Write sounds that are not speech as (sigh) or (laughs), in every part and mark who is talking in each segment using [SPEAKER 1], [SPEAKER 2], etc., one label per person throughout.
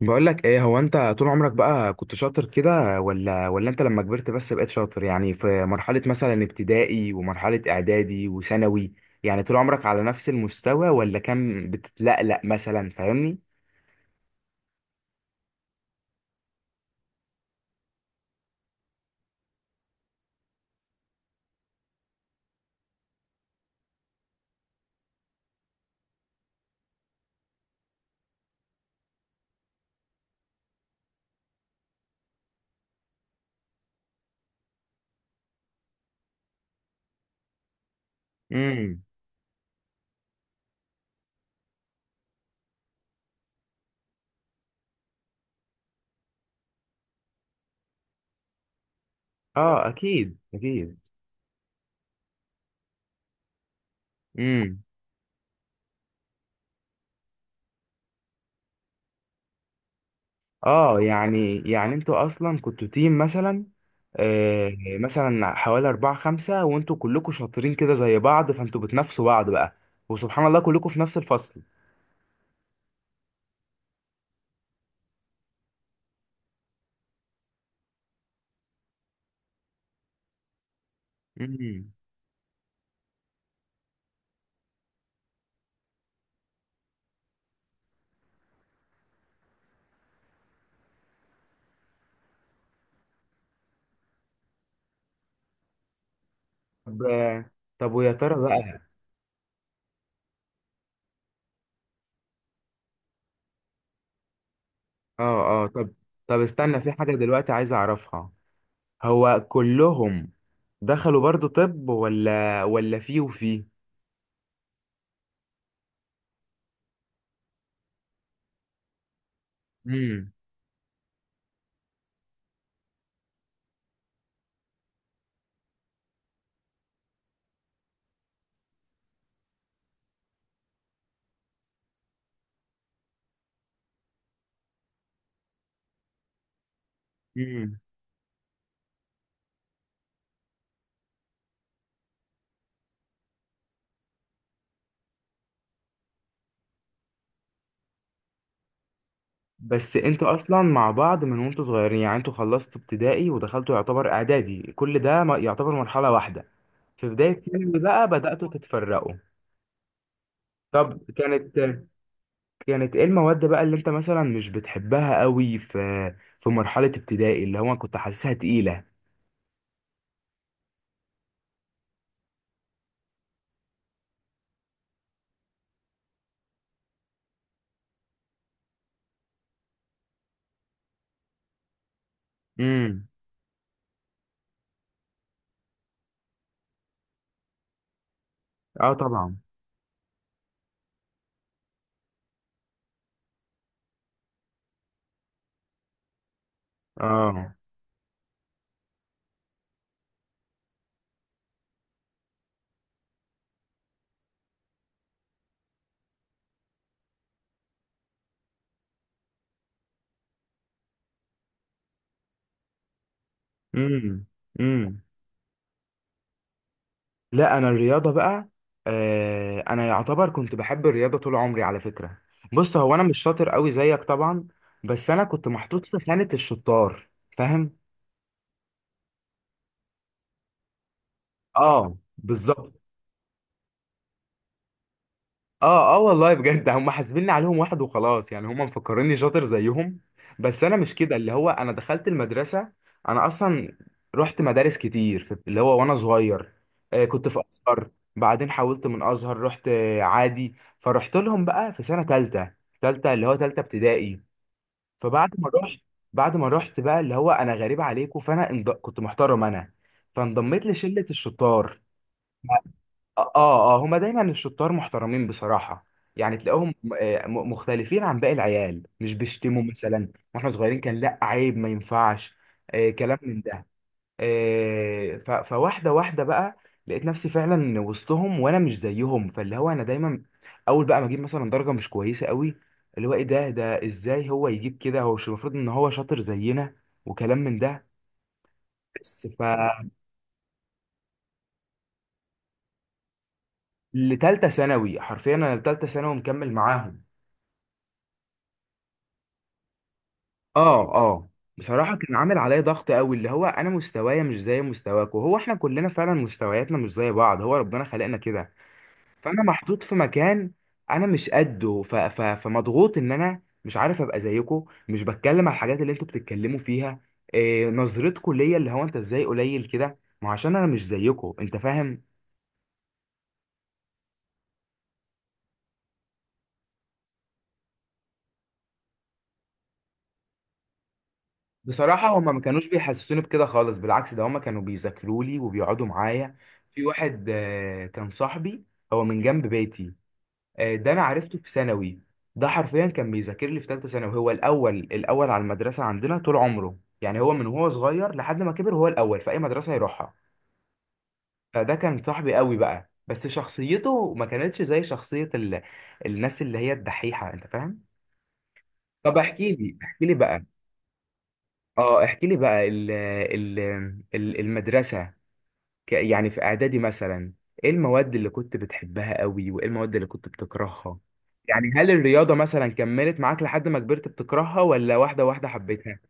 [SPEAKER 1] بقول لك ايه، هو انت طول عمرك بقى كنت شاطر كده ولا انت لما كبرت بس بقيت شاطر؟ يعني في مرحلة مثلا ابتدائي ومرحلة اعدادي وثانوي، يعني طول عمرك على نفس المستوى ولا كان بتتلقلق مثلا؟ فاهمني؟ امم اه اكيد اكيد. امم اه يعني انتوا اصلا كنتوا تيم مثلا؟ آه مثلا حوالي أربعة خمسة وانتوا كلكوا شاطرين كده زي بعض، فانتوا بتنافسوا بعض بقى. وسبحان الله كلكوا في نفس الفصل. مم. طب، ويا ترى بقى؟ اه اه، طب، استنى، في حاجة دلوقتي عايز اعرفها. هو كلهم دخلوا برضو طب ولا في وفي؟ امم امم. بس انتوا اصلا مع بعض من وانتوا صغيرين، يعني انتوا خلصتوا ابتدائي ودخلتوا يعتبر اعدادي، كل ده يعتبر مرحلة واحدة. في بداية ثانوي بقى بدأتوا تتفرقوا. طب، كانت ايه المواد بقى اللي انت مثلا مش بتحبها قوي في مرحلة ابتدائي، اللي هو كنت حاسسها تقيلة؟ امم. اه طبعا. اه. امم امم. لا، انا الرياضه بقى، آه، انا يعتبر كنت بحب الرياضه طول عمري على فكره. بص، هو انا مش شاطر قوي زيك طبعا، بس انا كنت محطوط في خانه الشطار. فاهم؟ اه بالظبط. اه اه، والله بجد هم حاسبيني عليهم واحد وخلاص، يعني هم مفكريني شاطر زيهم. بس انا مش كده. اللي هو انا دخلت المدرسه، انا اصلا رحت مدارس كتير في اللي هو وانا صغير. آه كنت في ازهر، بعدين حولت من ازهر، رحت عادي، فرحت لهم بقى في سنه تالته، تالته اللي هو تالته ابتدائي. فبعد ما رحت بعد ما رحت بقى اللي هو انا غريب عليكم، فانا كنت محترم انا، فانضميت لشله الشطار. اه اه، هما دايما الشطار محترمين بصراحة. يعني تلاقيهم، مختلفين عن باقي العيال، مش بيشتموا مثلا. واحنا صغيرين كان لا عيب، ما ينفعش آه كلام من ده. فواحدة واحدة بقى لقيت نفسي فعلا وسطهم وانا مش زيهم، فاللي هو انا دايما اول بقى ما اجيب مثلا درجة مش كويسة قوي، اللي هو ايه ده، ازاي هو يجيب كده؟ هو مش المفروض ان هو شاطر زينا؟ وكلام من ده. بس ف لتالتة ثانوي حرفيا، انا لتالتة ثانوي مكمل معاهم. اه اه، بصراحة كان عامل عليا ضغط قوي، اللي هو انا مستوايا مش زي مستواك، وهو احنا كلنا فعلا مستوياتنا مش زي بعض، هو ربنا خلقنا كده. فانا محطوط في مكان انا مش قده، فمضغوط ان انا مش عارف ابقى زيكو، مش بتكلم على الحاجات اللي انتوا بتتكلموا فيها. إيه نظرتكوا ليا، اللي هو انت ازاي قليل كده؟ ما هو عشان انا مش زيكو، انت فاهم؟ بصراحة هما ما كانوش بيحسسوني بكده خالص، بالعكس ده هما كانوا بيذاكروا لي وبيقعدوا معايا. في واحد آه كان صاحبي، هو من جنب بيتي، آه، ده انا عرفته في ثانوي. ده حرفيا كان بيذاكر لي في ثالثه ثانوي، هو الاول على المدرسه عندنا طول عمره، يعني هو من وهو صغير لحد ما كبر هو الاول في اي مدرسه يروحها. فده كان صاحبي قوي بقى، بس شخصيته ما كانتش زي الناس اللي هي الدحيحه، انت فاهم؟ طب احكي لي، احكي لي بقى اه احكي لي بقى المدرسه، يعني في اعدادي مثلا، ايه المواد اللي كنت بتحبها قوي وايه المواد اللي كنت بتكرهها؟ يعني هل الرياضة مثلا كملت معاك لحد ما كبرت بتكرهها ولا واحدة واحدة حبيتها؟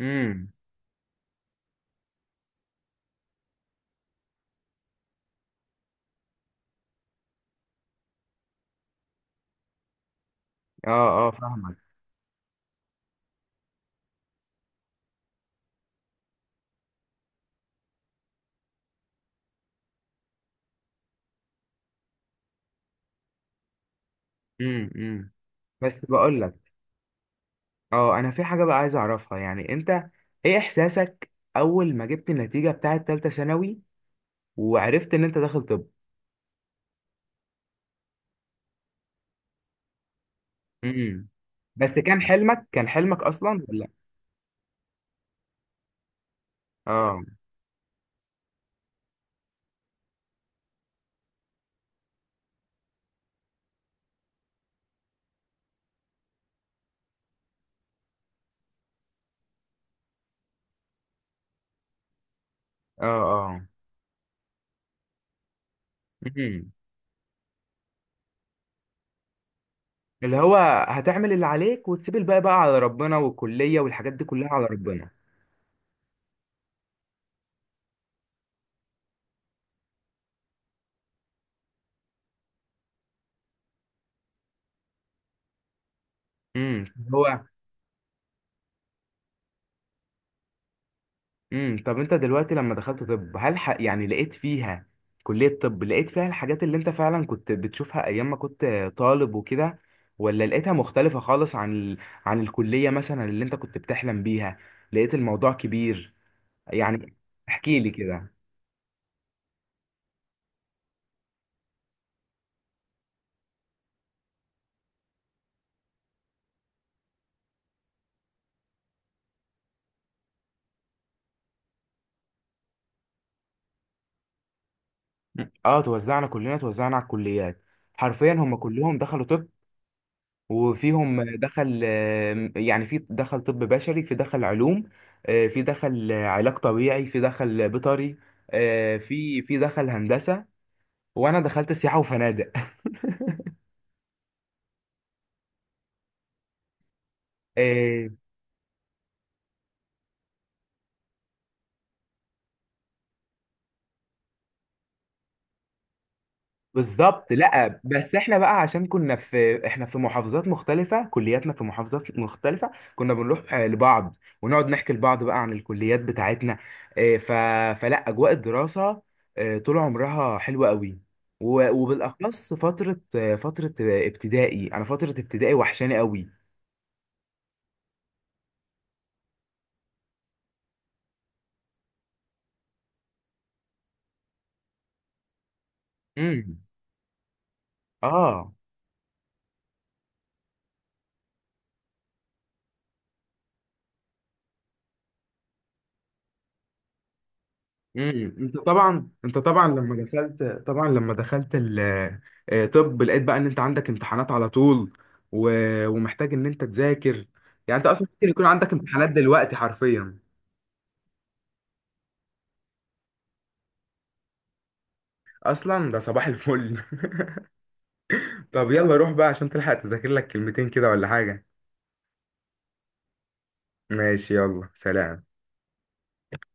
[SPEAKER 1] امم. اه اه فاهمك. امم. بس بقول لك، اه انا في حاجة بقى عايز اعرفها، يعني انت ايه احساسك اول ما جبت النتيجة بتاعه تالتة ثانوي وعرفت ان انت داخل طب؟ امم. بس كان حلمك، كان حلمك اصلا ولا؟ اه اه اه، اللي هو هتعمل اللي عليك وتسيب الباقي بقى على ربنا، والكلية والحاجات دي كلها على ربنا. امم. هو، امم، طب انت دلوقتي لما دخلت طب، هل يعني لقيت فيها، كلية طب، لقيت فيها الحاجات اللي انت فعلا كنت بتشوفها ايام ما كنت طالب وكده، ولا لقيتها مختلفة خالص عن عن الكلية مثلا اللي انت كنت بتحلم بيها؟ لقيت الموضوع كبير، يعني احكي لي كده. اه توزعنا كلنا، توزعنا على الكليات، حرفيا هم كلهم دخلوا طب وفيهم دخل، يعني في دخل طب بشري، في دخل علوم، في دخل علاج طبيعي، في دخل بيطري، في دخل هندسة، وانا دخلت سياحة وفنادق. (laughs) بالظبط، لا بس احنا بقى عشان كنا في في محافظات مختلفة، كلياتنا في محافظات مختلفة. كنا بنروح آه لبعض، ونقعد نحكي لبعض بقى عن الكليات بتاعتنا، آه، ف... فلا، اجواء الدراسة آه طول عمرها حلوة قوي، وبالاخص فترة فترة ابتدائي، انا فترة ابتدائي وحشاني قوي. امم. اه. امم، انت طبعا، انت طبعا لما دخلت طبعا لما دخلت ال آه، طب، لقيت بقى ان انت عندك امتحانات على طول و... ومحتاج ان انت تذاكر؟ يعني انت اصلا ممكن يكون عندك امتحانات دلوقتي حرفيا. اصلا ده صباح الفل. (laughs) طب يلا روح بقى عشان تلحق تذاكر لك كلمتين كده ولا حاجة. ماشي، يلا، سلام.